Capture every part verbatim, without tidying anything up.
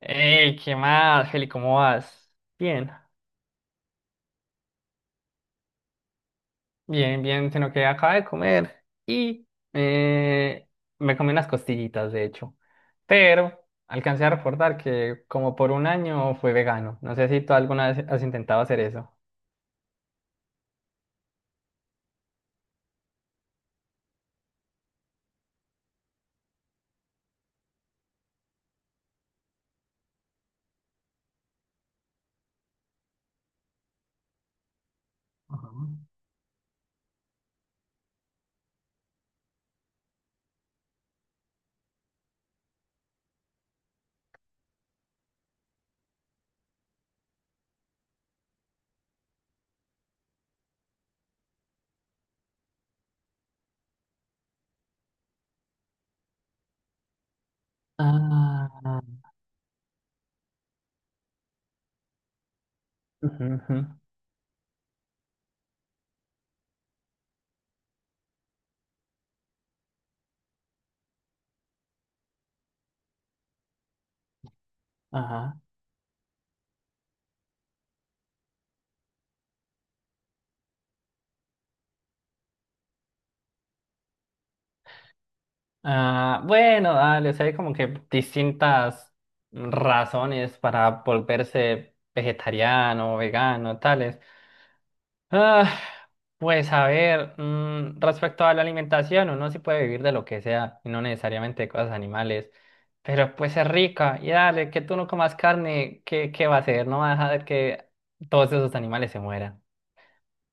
Hey, ¿qué más, Feli? ¿Cómo vas? Bien, bien, bien, sino que acabé de comer y eh, me comí unas costillitas, de hecho. Pero alcancé a recordar que como por un año fui vegano. No sé si tú alguna vez has intentado hacer eso. Ajá. Ah, ujú, ujú. Ajá. Ah, bueno, dale, o sea, hay como que distintas razones para volverse vegetariano, vegano, tales. Ah, pues a ver, mm, respecto a la alimentación, uno sí puede vivir de lo que sea, y no necesariamente de cosas animales, pero pues es rica, y dale, que tú no comas carne, ¿qué, qué va a hacer? No va a dejar que todos esos animales se mueran.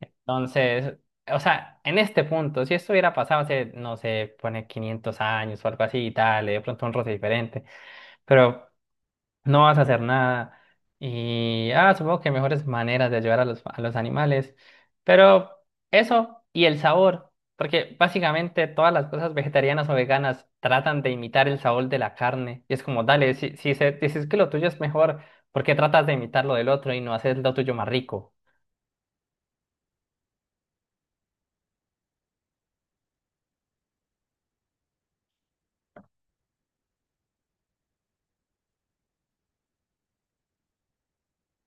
Entonces, o sea, en este punto, si esto hubiera pasado hace, no sé, pone quinientos años o algo así y tal, de pronto un roce diferente, pero no vas a hacer nada. Y ah, supongo que mejores maneras de ayudar a los, a los animales. Pero eso y el sabor, porque básicamente todas las cosas vegetarianas o veganas tratan de imitar el sabor de la carne. Y es como, dale, si, si se, dices que lo tuyo es mejor, ¿por qué tratas de imitar lo del otro y no hacer lo tuyo más rico?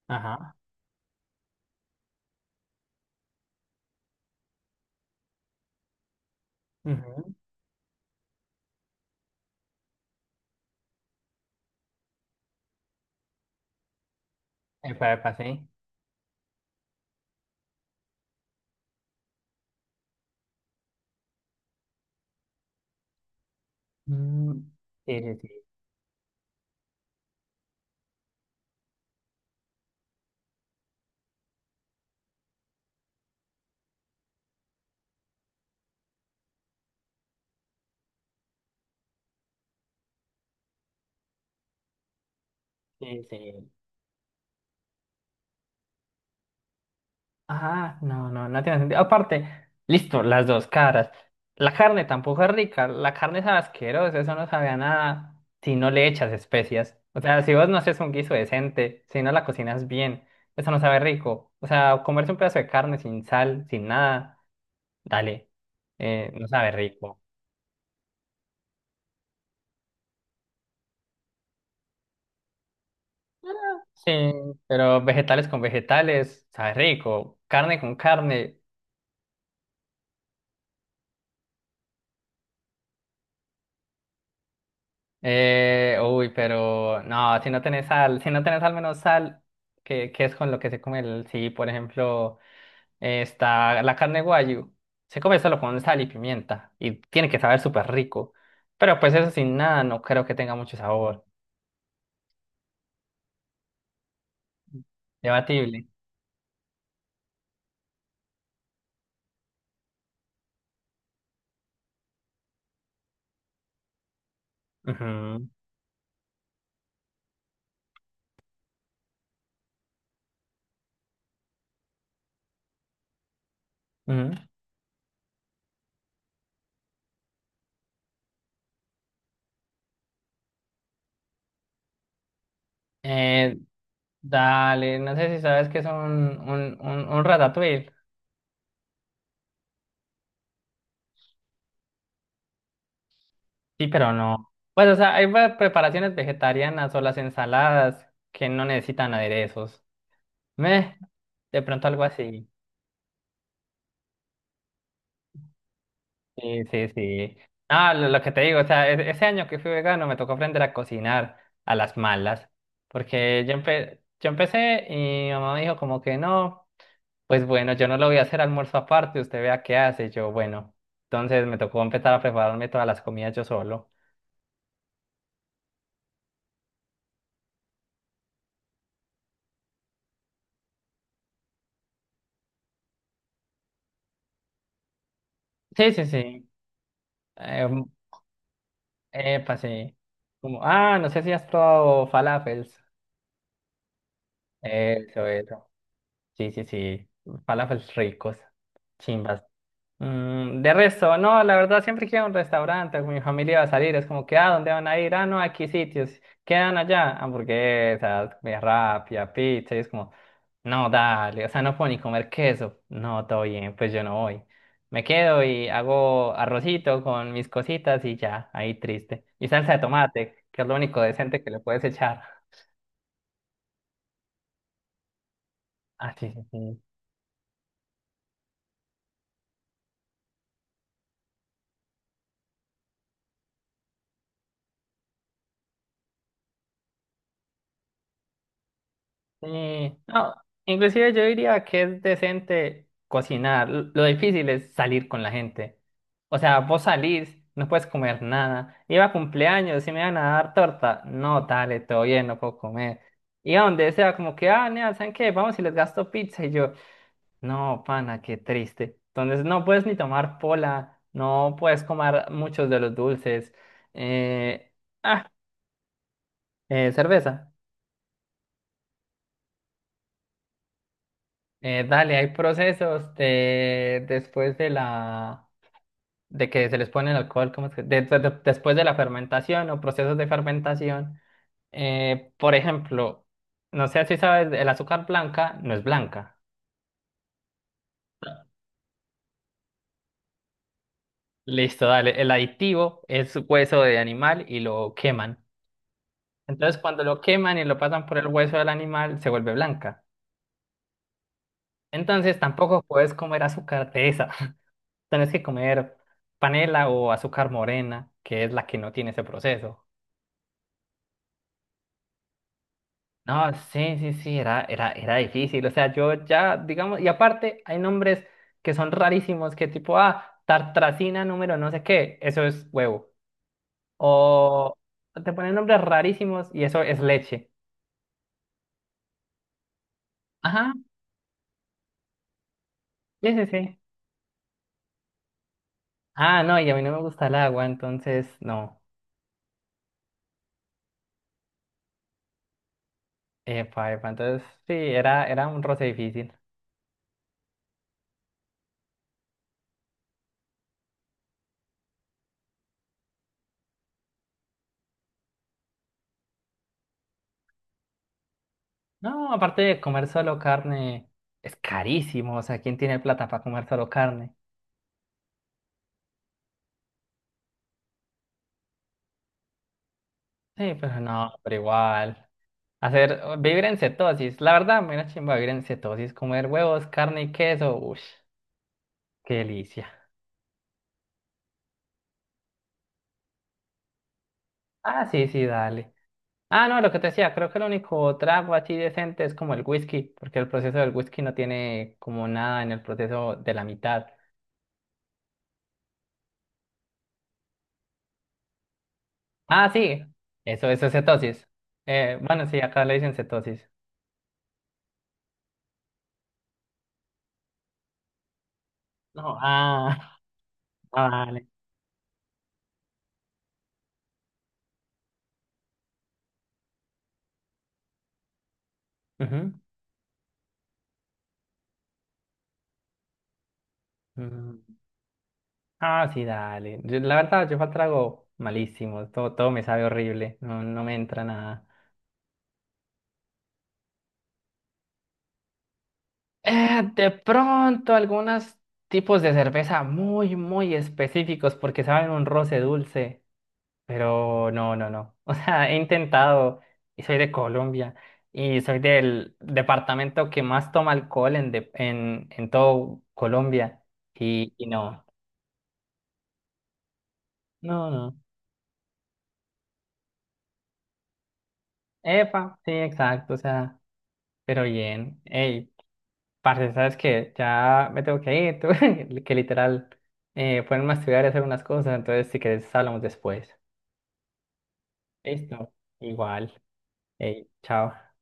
Ajá. Ujú. Epa, epa, sí. Mm, sí, sí, sí, sí, sí. Ah, no, no, no tiene sentido. Aparte, listo, las dos caras. La carne tampoco es rica, la carne sabe asquerosa, eso no sabe a nada si no le echas especias. O sea, si vos no haces un guiso decente, si no la cocinas bien, eso no sabe rico. O sea, comerse un pedazo de carne sin sal, sin nada, dale, eh, no sabe rico. Ah, sí, pero vegetales con vegetales, sabe rico. Carne con carne. Eh, uy, pero no, si no tenés sal, si no tenés al menos sal, que, que es con lo que se come el, sí, por ejemplo, eh, está la carne guayu, se come solo con sal y pimienta y tiene que saber súper rico, pero pues eso sin nada no creo que tenga mucho sabor, debatible. Ujú, ujú. Eh, Dale, no sé si sabes que es un, un, un, un ratatouille, sí, pero no. Pues o sea, hay va- preparaciones vegetarianas o las ensaladas que no necesitan aderezos. Meh. De pronto algo así. Sí, sí, sí. Ah, lo, lo que te digo, o sea, e- ese año que fui vegano me tocó aprender a cocinar a las malas, porque yo, empe- yo empecé y mi mamá me dijo como que no, pues bueno, yo no lo voy a hacer almuerzo aparte, usted vea qué hace, yo bueno. Entonces me tocó empezar a prepararme todas las comidas yo solo. Sí, sí, sí. Eh, Epa, sí. Como, ah, no sé si has probado falafels. Eso, eso. Sí, sí, sí. Falafels ricos. Chimbas. Mm, de resto, no, la verdad siempre quiero un restaurante, mi familia va a salir, es como que, ah, ¿dónde van a ir? Ah, no, aquí sitios, quedan allá, hamburguesas, comida rápida, pizza, y es como, no, dale, o sea, no puedo ni comer queso, no, todo bien, pues yo no voy. Me quedo y hago arrocito con mis cositas y ya, ahí triste. Y salsa de tomate, que es lo único decente que le puedes echar. Ah, sí, sí, sí. Sí. No, inclusive yo diría que es decente cocinar. L- Lo difícil es salir con la gente. O sea, vos salís, no puedes comer nada. Iba a cumpleaños y me iban a dar torta. No, dale, todo bien, no puedo comer. Iba donde sea, como que, ah, nea, ¿saben qué? Vamos y les gasto pizza. Y yo, no, pana, qué triste. Entonces no puedes ni tomar pola, no puedes comer muchos de los dulces. Eh, ah, eh, cerveza. Eh, dale, hay procesos de, después de la de que se les pone el alcohol, ¿cómo es que? de- de- de- después de la fermentación o procesos de fermentación. Eh, por ejemplo, no sé si sabes, el azúcar blanca no es blanca. Listo, dale. El aditivo es hueso de animal y lo queman. Entonces, cuando lo queman y lo pasan por el hueso del animal, se vuelve blanca. Entonces, tampoco puedes comer azúcar de esa. Tenés que comer panela o azúcar morena, que es la que no tiene ese proceso. No, sí, sí, sí, era, era, era difícil. O sea, yo ya, digamos, y aparte hay nombres que son rarísimos, que tipo, ah, tartracina número no sé qué, eso es huevo. O te ponen nombres rarísimos y eso es leche. Ajá, sí, sí, sí. Ah, no, y a mí no me gusta el agua, entonces no. Epa, epa, entonces sí, era, era un roce difícil. No, aparte de comer solo carne, es carísimo. O sea, ¿quién tiene plata para comer solo carne? Sí, pero no, pero igual. Hacer, vivir en cetosis. La verdad, me da chimba vivir en cetosis. Comer huevos, carne y queso. Uff, qué delicia. Ah, sí, sí, dale. Ah, no, lo que te decía, creo que el único trago así decente es como el whisky, porque el proceso del whisky no tiene como nada en el proceso de la mitad. Ah, sí, eso, eso es cetosis. Eh, bueno, sí, acá le dicen cetosis. No, ah, ah, vale. Ujú, ujú. Ah, sí, dale. Yo- la verdad, yo trago malísimo. Todo, todo me sabe horrible. No, no me entra nada. Eh, de pronto, algunos tipos de cerveza muy, muy específicos porque saben un roce dulce. Pero no, no, no. O sea, he intentado y soy de Colombia y soy del departamento que más toma alcohol en, de- en, en todo Colombia. Y, y no, no, no. Epa, sí, exacto. O sea. Pero bien, hey, parce, ¿sabes qué? Ya me tengo que ir, tú, que literal, eh, ponerme a estudiar y hacer unas cosas, entonces si querés hablamos después. Listo, igual, hey, chao.